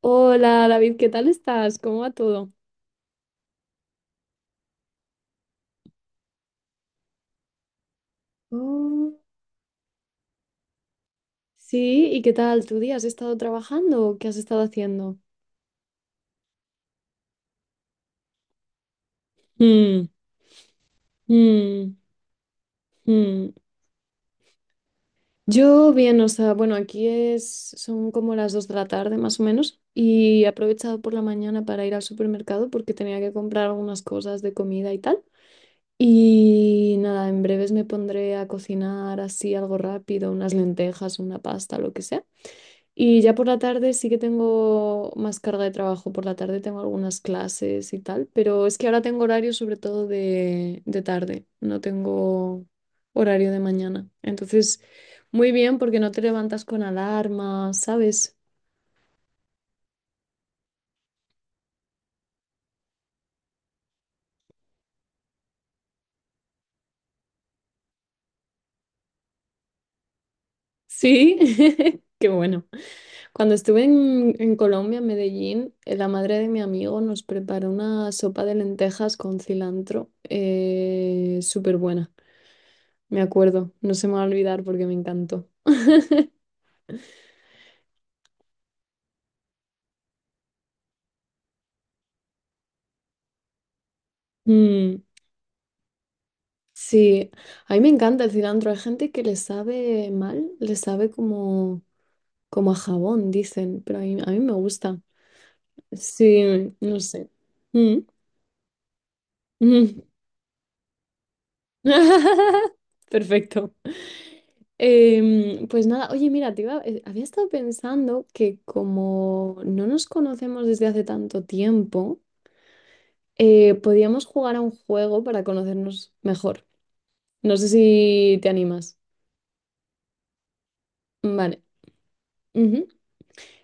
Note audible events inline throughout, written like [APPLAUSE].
Hola David, ¿qué tal estás? ¿Cómo va todo? Mm. Sí, ¿y qué tal tu día? ¿Has estado trabajando o qué has estado haciendo? Mm, mm, mm. Yo bien, o sea, bueno, aquí es, son como las 2 de la tarde más o menos y he aprovechado por la mañana para ir al supermercado porque tenía que comprar algunas cosas de comida y tal. Y nada, en breves me pondré a cocinar así algo rápido, unas lentejas, una pasta, lo que sea. Y ya por la tarde sí que tengo más carga de trabajo. Por la tarde tengo algunas clases y tal, pero es que ahora tengo horario sobre todo de tarde. No tengo horario de mañana. Entonces, muy bien porque no te levantas con alarma, ¿sabes? Sí, [LAUGHS] qué bueno. Cuando estuve en Colombia, en Medellín, la madre de mi amigo nos preparó una sopa de lentejas con cilantro, súper buena. Me acuerdo, no se me va a olvidar porque me encantó. Mm, sí, a mí me encanta el cilantro. Hay gente que le sabe mal, le sabe como, como a jabón, dicen, pero a mí me gusta. Sí, no sé. Mm, mm. [LAUGHS] Perfecto. Pues nada, oye, mira, había estado pensando que como no nos conocemos desde hace tanto tiempo, podíamos jugar a un juego para conocernos mejor. No sé si te animas. Vale.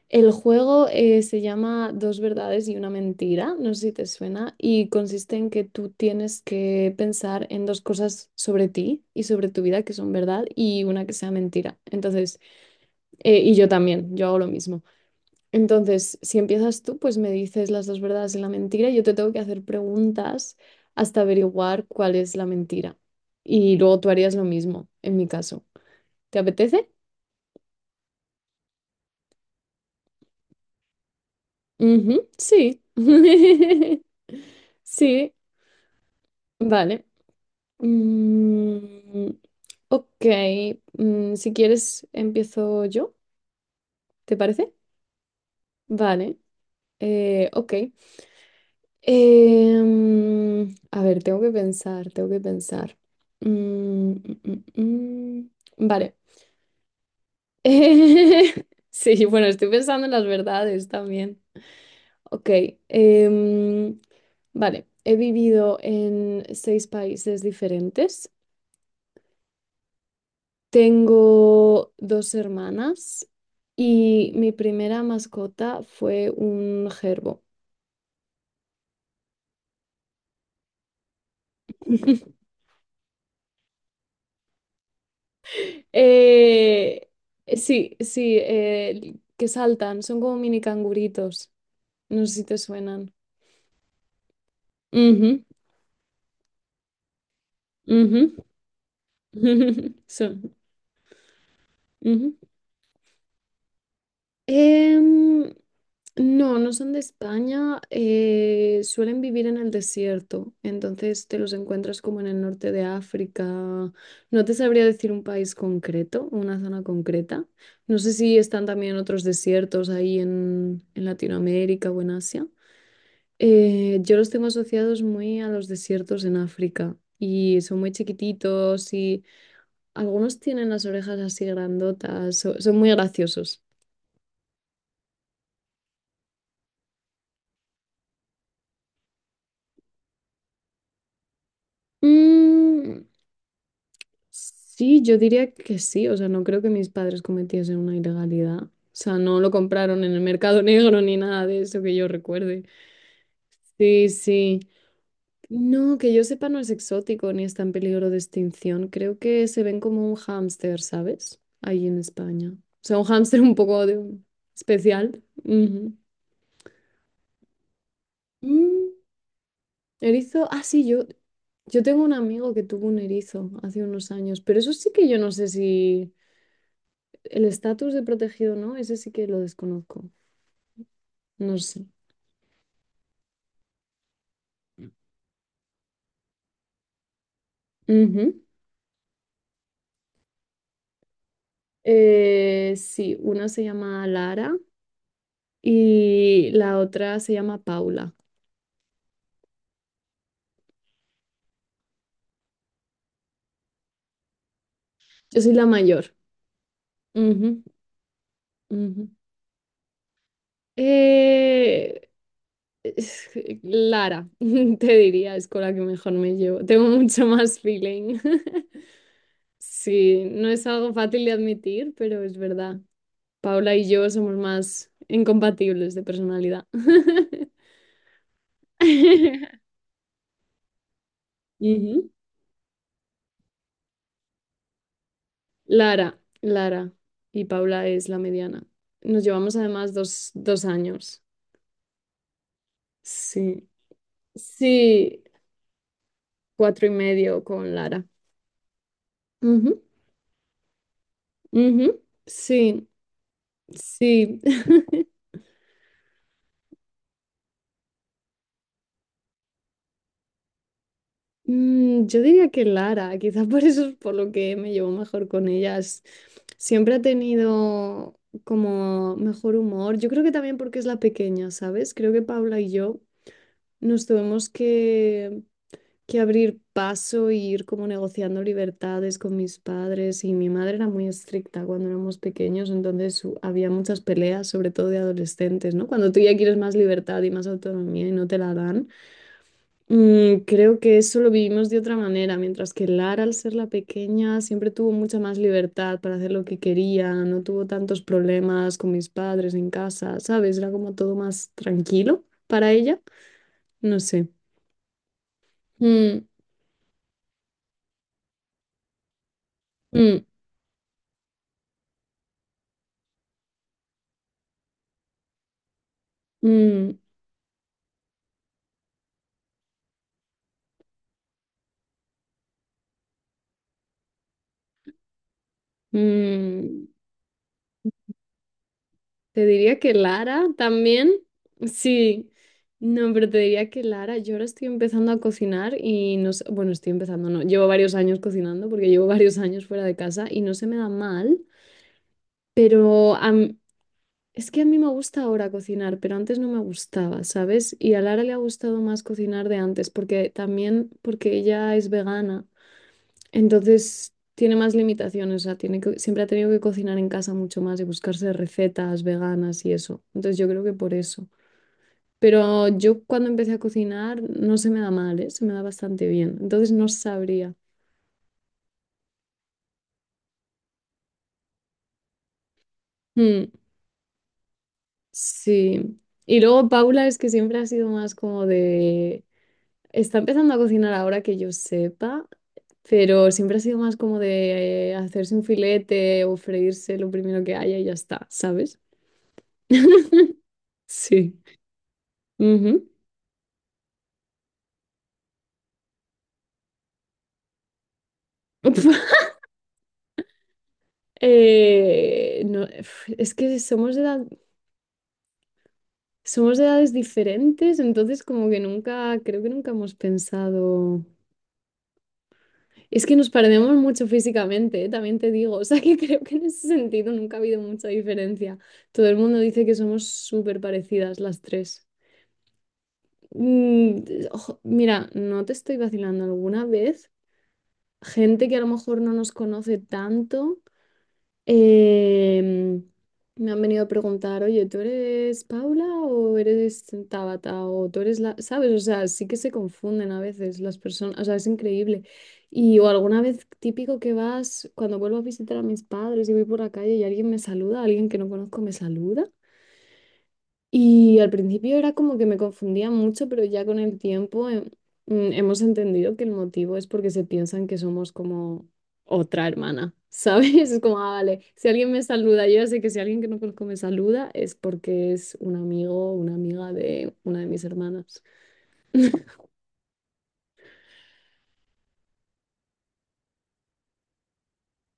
El juego se llama Dos verdades y una mentira, no sé si te suena, y consiste en que tú tienes que pensar en dos cosas sobre ti y sobre tu vida que son verdad y una que sea mentira. Entonces, y yo también, yo hago lo mismo. Entonces, si empiezas tú, pues me dices las dos verdades y la mentira, y yo te tengo que hacer preguntas hasta averiguar cuál es la mentira. Y luego tú harías lo mismo, en mi caso. ¿Te apetece? Ujú, sí. [LAUGHS] Sí. Vale. Mm, ok. Mm, si quieres, empiezo yo, ¿te parece? Vale. Ok. A ver, tengo que pensar. Mm, mm, mm, mm. Vale. [LAUGHS] Eh, sí, bueno, estoy pensando en las verdades también. Ok, em, vale. He vivido en seis países diferentes. Tengo dos hermanas y mi primera mascota fue un gerbo. [LAUGHS] Eh, sí, sí, que saltan, son como mini canguritos. No sé si te suenan. Ujú, ujú. [LAUGHS] Son. Ujú. Em, No, no son de España, suelen vivir en el desierto, entonces te los encuentras como en el norte de África. No te sabría decir un país concreto, una zona concreta. No sé si están también otros desiertos ahí en Latinoamérica o en Asia. Yo los tengo asociados muy a los desiertos en África y son muy chiquititos y algunos tienen las orejas así grandotas, son muy graciosos. Mm. Sí, yo diría que sí, o sea, no creo que mis padres cometiesen una ilegalidad. O sea, no lo compraron en el mercado [LAUGHS] negro ni nada de eso que yo recuerde. Sí, sí. No, que yo sepa no es exótico ni está en peligro de extinción. Creo que se ven como un hámster, ¿sabes? Ahí en España. O sea, un hámster [LAUGHS] un poco especial. Ujú. Mm, erizo, ah, sí, yo tengo un amigo que tuvo un erizo hace unos años, pero eso sí que yo no sé si... El estatus de protegido no, ese sí que lo desconozco. No sé. Ujú. Sí, una se llama Lara y la otra se llama Paula. Yo soy la mayor. Ujú, ujú. Eh, es- Lara, [LAUGHS] te diría, es con la que mejor me llevo. Tengo mucho más feeling. [LAUGHS] Sí, no es algo fácil de admitir, pero es verdad. Paula y yo somos más incompatibles de personalidad. [LAUGHS] Ujú. Lara y Paula es la mediana. Nos llevamos además dos años. Sí, sí, cuatro y medio con Lara. Ujú, ujú. Sí, sí. [LAUGHS] Mm, yo diría que Lara, quizás por eso es por lo que me llevo mejor con ellas. Siempre ha tenido como mejor humor. Yo creo que también porque es la pequeña, ¿sabes? Creo que Paula y yo nos tuvimos que abrir paso y ir como negociando libertades con mis padres. Y mi madre era muy estricta cuando éramos pequeños, entonces había muchas peleas, sobre todo de adolescentes, ¿no? Cuando tú ya quieres más libertad y más autonomía y no te la dan. Mm, creo que eso lo vivimos de otra manera, mientras que Lara, al ser la pequeña, siempre tuvo mucha más libertad para hacer lo que quería, no tuvo tantos problemas con mis padres en casa, ¿sabes? Era como todo más tranquilo para ella. No sé. Mm, mm, mm. Mm, te diría que Lara también. Sí, no, pero te diría que Lara, yo ahora estoy empezando a cocinar y no sé, bueno, estoy empezando, no, llevo varios años cocinando porque llevo [LAUGHS] varios años fuera de casa y no se me da mal, pero es que a mí me gusta ahora cocinar, pero antes no me gustaba, ¿sabes? Y a Lara le ha gustado más cocinar de antes porque también porque ella es vegana. Entonces tiene más limitaciones, o sea, tiene que, siempre ha tenido que cocinar en casa mucho más y buscarse recetas veganas y eso. Entonces yo creo que por eso. Pero yo cuando empecé a cocinar no se me da mal, ¿eh? Se me da bastante bien. Entonces no sabría. Mm, sí. Y luego Paula es que siempre ha sido más como de... Está empezando a cocinar ahora que yo sepa, pero siempre ha sido más como de hacerse un filete o freírse lo primero que haya y ya está, ¿sabes? Sí. Ujú. [LAUGHS] No, es que somos de edades diferentes, entonces como que nunca, creo que nunca hemos pensado. Es que nos parecemos mucho físicamente, también te digo, [LAUGHS] o sea que [LAUGHS] creo que en ese sentido nunca ha habido mucha diferencia. Todo el mundo dice que somos súper parecidas las tres. Mm, ojo, mira, no te estoy vacilando alguna vez. Gente que a lo mejor no nos conoce tanto. Em, Me han venido a preguntar, oye, ¿tú eres Paula o eres Tabata o tú eres la... ¿Sabes? O sea, sí que se confunden a veces las personas, o sea, es increíble. Y o alguna vez típico que vas, cuando vuelvo a visitar a mis padres y voy por la calle y alguien me saluda, alguien que no conozco me saluda. Y al principio era como que me confundía mucho, pero ya con el tiempo hemos entendido que el motivo es porque se piensan que somos como otra hermana, ¿sabes? [LAUGHS] Es como, ah, vale, si alguien me saluda, yo ya sé que si alguien que no conozco me saluda es porque es un amigo o una amiga de una de mis hermanas.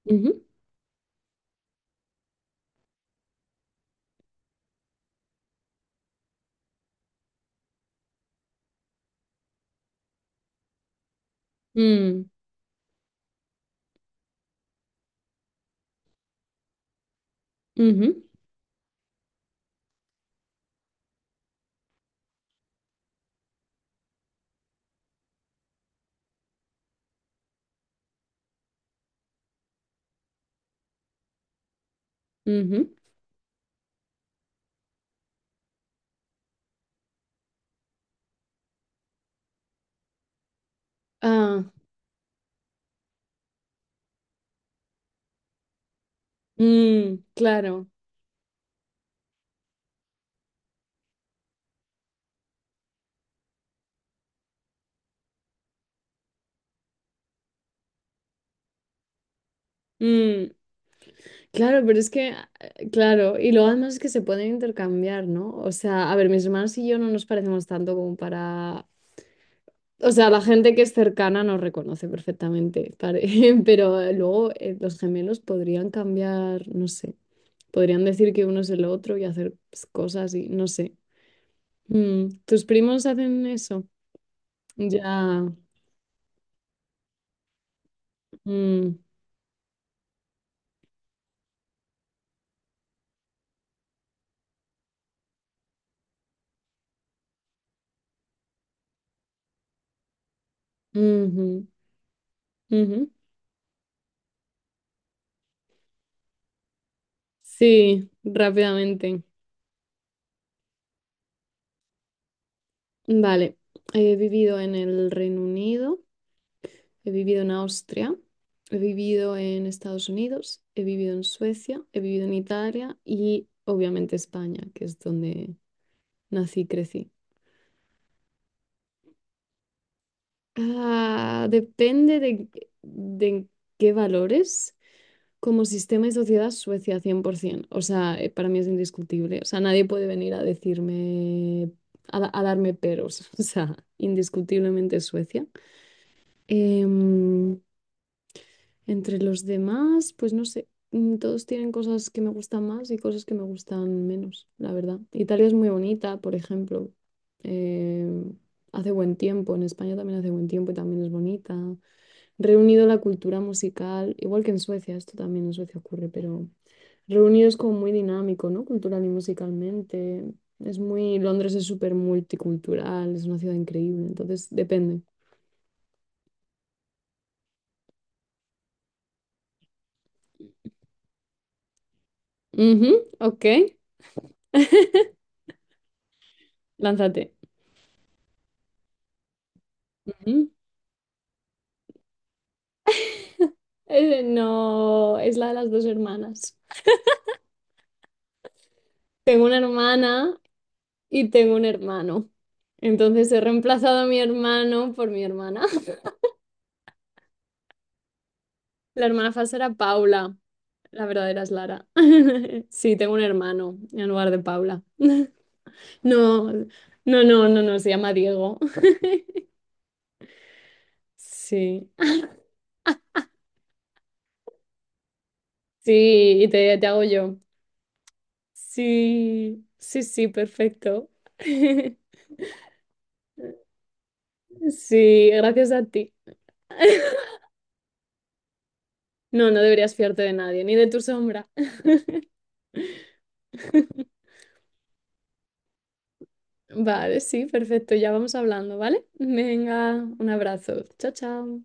Ujú, mm, ujú, ujú. Ah, mm, claro. Mm. Claro, pero es que, claro, y lo además es que se pueden intercambiar, ¿no? O sea, a ver, mis hermanos y yo no nos parecemos tanto como para... O sea, la gente que es cercana nos reconoce perfectamente, [LAUGHS] pero luego los gemelos podrían cambiar, no sé, podrían decir que uno es el otro y hacer pues, cosas y no sé. Mm, ¿tus primos hacen eso? Ya. Mm, ujú, ujú. Sí, rápidamente. Vale, he vivido en el Reino Unido. He vivido en Austria, he vivido en Estados Unidos, he vivido en Suecia, he vivido en Italia y obviamente España, que es donde nací y crecí. Ah, depende de en qué valores. Como sistema y sociedad, Suecia 100%. O sea, para mí es indiscutible. O sea, nadie puede venir a decirme, a darme peros. [LAUGHS] O sea, indiscutiblemente Suecia. Em, Entre los demás, pues no sé, mm, todos tienen cosas que me gustan más y cosas que me gustan menos, la verdad. Italia es muy bonita, por ejemplo. eh, hace buen tiempo, en España también hace buen tiempo y también es bonita. Reunido la cultura musical, igual que en Suecia, esto también en Suecia ocurre, pero reunido es como muy dinámico, ¿no? Cultural y musicalmente. Es muy, Londres es súper multicultural, es una ciudad increíble, entonces depende. Ujú, ok, lánzate. No, es la de las dos hermanas. Tengo una hermana y tengo un hermano. Entonces he reemplazado a mi hermano por mi hermana. [LAUGHS] La hermana falsa era Paula. La verdadera es Lara. [LAUGHS] Sí, tengo un hermano en lugar de Paula. [LAUGHS] No, no, se llama Diego. [LAUGHS] Sí, sí, y te hago yo. Sí, sí, sí, perfecto. [LAUGHS] Sí, gracias a ti. No, no deberías fiarte de nadie, ni de tu sombra. [LAUGHS] Vale, sí, perfecto. Ya vamos hablando, ¿vale? Venga, un abrazo. Chao, chao.